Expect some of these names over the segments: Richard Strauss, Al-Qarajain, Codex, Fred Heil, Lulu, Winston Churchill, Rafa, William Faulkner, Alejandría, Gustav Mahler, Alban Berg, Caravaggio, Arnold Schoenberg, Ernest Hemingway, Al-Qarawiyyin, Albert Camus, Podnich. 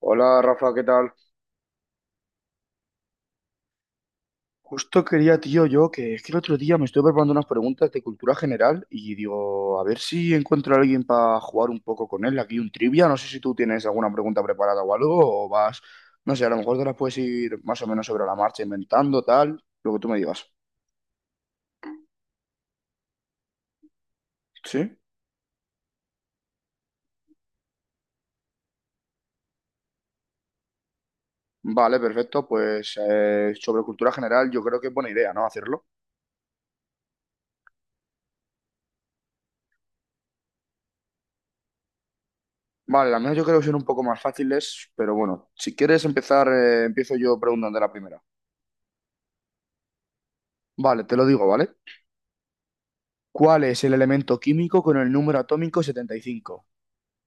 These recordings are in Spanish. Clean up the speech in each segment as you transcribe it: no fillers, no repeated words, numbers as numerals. Hola Rafa, ¿qué tal? Justo quería, tío, yo que es que el otro día me estuve preparando unas preguntas de cultura general y digo, a ver si encuentro a alguien para jugar un poco con él. Aquí un trivia, no sé si tú tienes alguna pregunta preparada o algo, o vas, no sé, a lo mejor te las puedes ir más o menos sobre la marcha inventando, tal, lo que tú me digas. ¿Sí? Vale, perfecto, pues sobre cultura general yo creo que es buena idea, ¿no? Hacerlo. Vale, las mías yo creo que son un poco más fáciles, pero bueno, si quieres empezar, empiezo yo preguntando la primera. Vale, te lo digo, ¿vale? ¿Cuál es el elemento químico con el número atómico 75?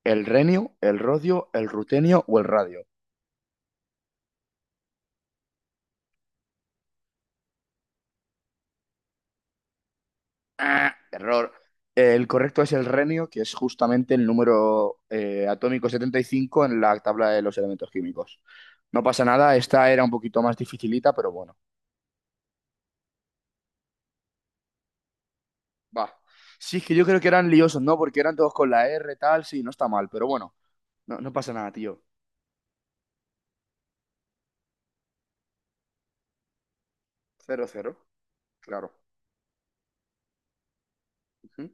¿El renio, el rodio, el rutenio o el radio? ¡Ah! Error. El correcto es el renio, que es justamente el número atómico 75 en la tabla de los elementos químicos. No pasa nada, esta era un poquito más dificilita, pero bueno, va. Sí, es que yo creo que eran liosos, ¿no? Porque eran todos con la R, tal, sí, no está mal, pero bueno, no, no pasa nada, tío. Cero, cero, claro. Ujú.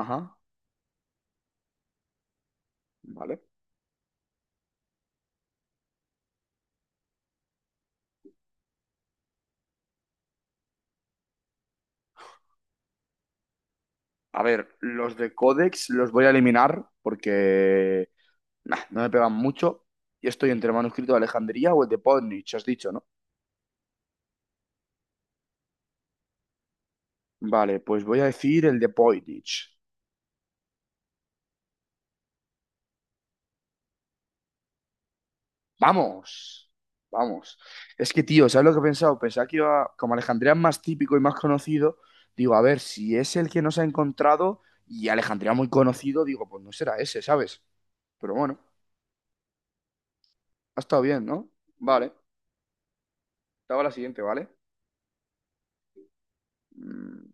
Ajá, vale. A ver, los de Codex los voy a eliminar porque nah, no me pegan mucho. Y estoy entre el manuscrito de Alejandría o el de Podnich, has dicho, ¿no? Vale, pues voy a decir el de Podnich. ¡Vamos! Vamos. Es que, tío, ¿sabes lo que he pensado? Pensaba que iba, como Alejandría es más típico y más conocido, digo, a ver, si es el que nos ha encontrado y Alejandría muy conocido, digo, pues no será ese, ¿sabes? Pero bueno, ha estado bien, ¿no? Vale, estaba la siguiente, ¿vale? Mm,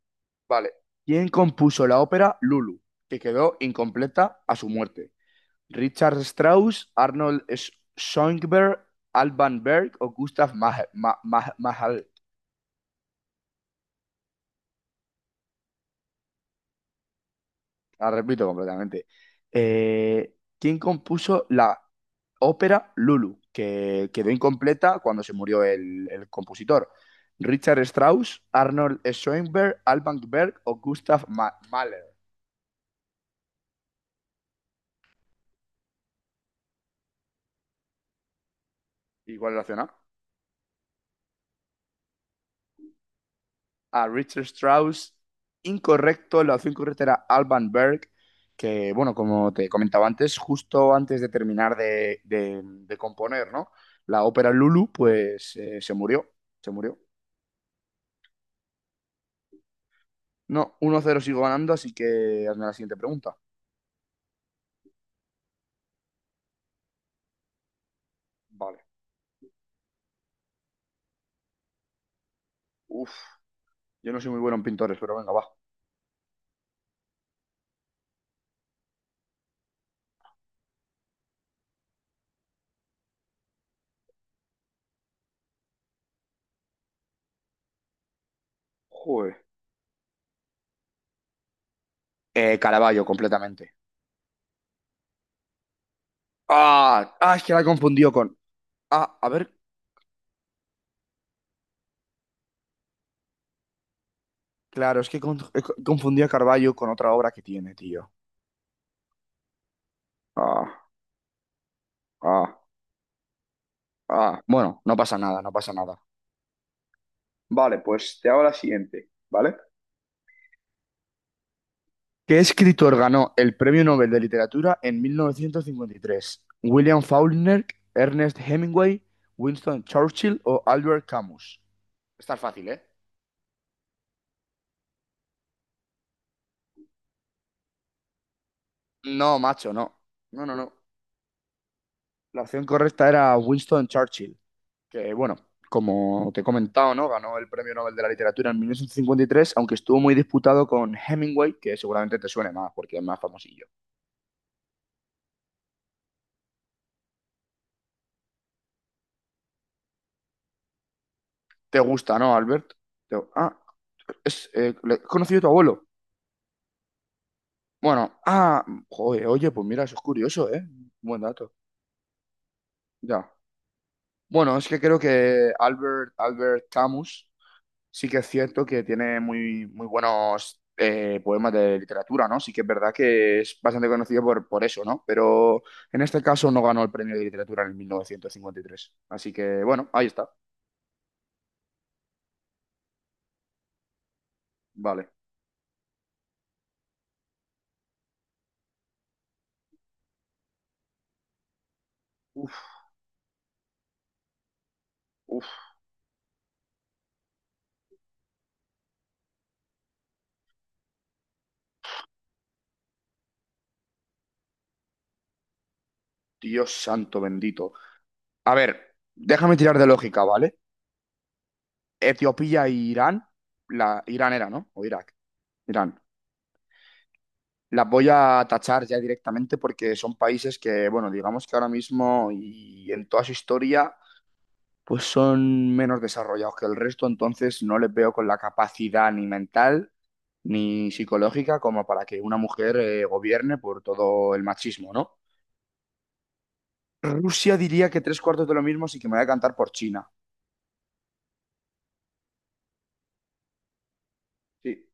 Vale. ¿Quién compuso la ópera Lulu, que quedó incompleta a su muerte? ¿Richard Strauss, Arnold Schoenberg, Alban Berg o Gustav Mahler? Mahler? La repito completamente. ¿Quién compuso la ópera Lulu, que quedó incompleta cuando se murió el compositor? ¿Richard Strauss, Arnold Schoenberg, Alban Berg o Gustav Mahler? ¿Y cuál es la opción A? A Richard Strauss. Incorrecto, la opción correcta era Alban Berg, que, bueno, como te comentaba antes, justo antes de terminar de componer, ¿no? La ópera Lulu, pues se murió, se murió. No, uno cero sigo ganando, así que hazme la siguiente pregunta. Vale. Uf, yo no soy muy bueno en pintores, pero venga, va. Joder. Caravaggio, completamente. Ah, ah, es que la he confundido con... Ah, a ver, claro, es que confundí a Caravaggio con otra obra que tiene, tío. Ah, ah. Ah, bueno, no pasa nada, no pasa nada. Vale, pues te hago la siguiente, ¿vale? ¿Qué escritor ganó el Premio Nobel de Literatura en 1953? ¿William Faulkner, Ernest Hemingway, Winston Churchill o Albert Camus? Está fácil, ¿eh? No, macho, no. No, no, no. La opción correcta era Winston Churchill, que bueno, como te he comentado, ¿no? Ganó el Premio Nobel de la Literatura en 1953, aunque estuvo muy disputado con Hemingway, que seguramente te suene más porque es más famoso. Te gusta, ¿no, Albert? Ah, he conocido a tu abuelo. Bueno, ah, joder, oye, pues mira, eso es curioso, ¿eh? Buen dato. Ya. Bueno, es que creo que Albert Camus sí que es cierto que tiene muy buenos poemas de literatura, ¿no? Sí que es verdad que es bastante conocido por eso, ¿no? Pero en este caso no ganó el premio de literatura en el 1953. Así que, bueno, ahí está. Vale. Uf, uf, Dios santo bendito. A ver, déjame tirar de lógica, ¿vale? Etiopía e Irán, Irán era, ¿no? O Irak, Irán. Las voy a tachar ya directamente porque son países que, bueno, digamos que ahora mismo y en toda su historia, pues son menos desarrollados que el resto, entonces no les veo con la capacidad ni mental ni psicológica como para que una mujer gobierne por todo el machismo, ¿no? Rusia diría que tres cuartos de lo mismo, sí que me voy a cantar por China. Sí.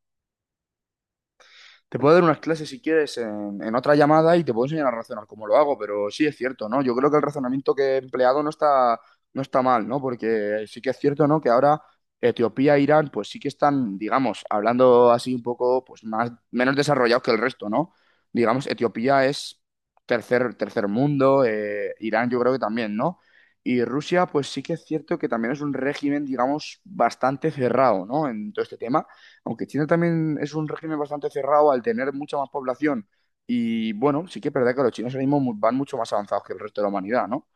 Te puedo dar unas clases si quieres en otra llamada y te puedo enseñar a razonar cómo lo hago, pero sí es cierto, ¿no? Yo creo que el razonamiento que he empleado no está mal, ¿no? Porque sí que es cierto, ¿no? Que ahora Etiopía e Irán, pues sí que están, digamos, hablando así un poco, pues más, menos desarrollados que el resto, ¿no? Digamos, Etiopía es tercer mundo, Irán yo creo que también, ¿no? Y Rusia, pues sí que es cierto que también es un régimen, digamos, bastante cerrado, ¿no? En todo este tema. Aunque China también es un régimen bastante cerrado al tener mucha más población. Y bueno, sí que es verdad que los chinos ahora mismo van mucho más avanzados que el resto de la humanidad, ¿no?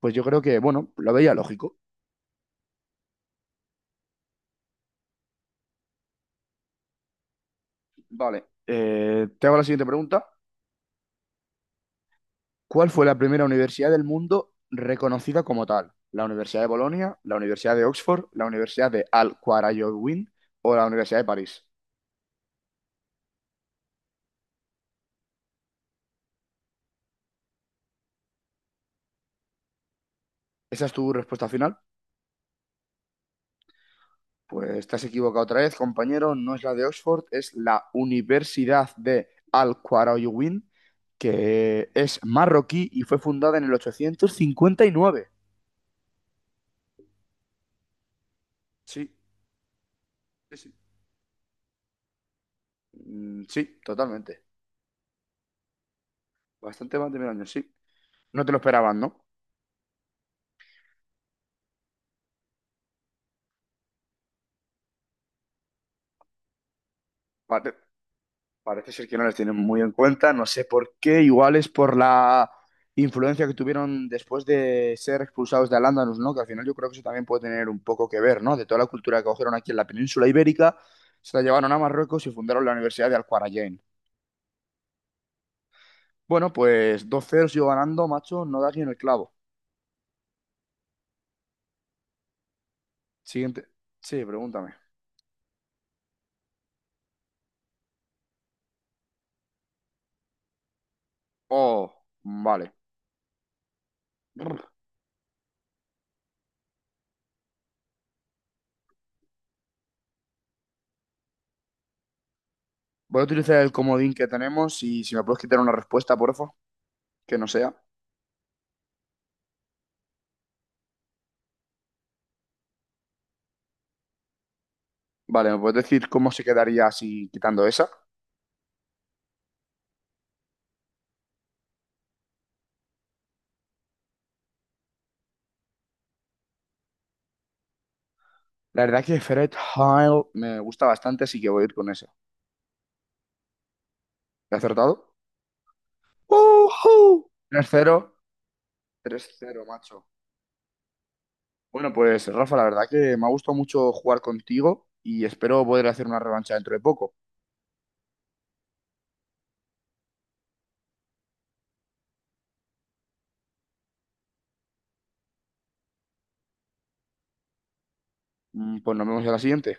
Pues yo creo que, bueno, lo veía lógico. Vale, te hago la siguiente pregunta. ¿Cuál fue la primera universidad del mundo reconocida como tal? ¿La Universidad de Bolonia, la Universidad de Oxford, la Universidad de Al-Qarawiyyin o la Universidad de París? ¿Esa es tu respuesta final? Pues estás equivocado otra vez, compañero. No es la de Oxford, es la Universidad de Al-Qarawiyyin, que es marroquí y fue fundada en el 859. Sí, sí, sí. Mm, sí, totalmente. Bastante más de mil años, sí. No te lo esperaban, ¿no? Vale. Parece ser que no les tienen muy en cuenta, no sé por qué, igual es por la influencia que tuvieron después de ser expulsados de al, ¿no? Que al final yo creo que eso también puede tener un poco que ver, ¿no? De toda la cultura que cogieron aquí en la península ibérica, se la llevaron a Marruecos y fundaron la Universidad de Al-Qarajain. Bueno, pues 2-0 sigo ganando, macho, no da aquí en el clavo. Siguiente. Sí, pregúntame. Oh, vale. Brr. Voy a utilizar el comodín que tenemos y si me puedes quitar una respuesta, porfa, que no sea. Vale, ¿me puedes decir cómo se quedaría si quitando esa? La verdad que Fred Heil me gusta bastante, así que voy a ir con ese. ¿He acertado? ¡Ujú! 3-0, 3-0, macho. Bueno, pues Rafa, la verdad que me ha gustado mucho jugar contigo y espero poder hacer una revancha dentro de poco. Mm, pues nos vemos en la siguiente.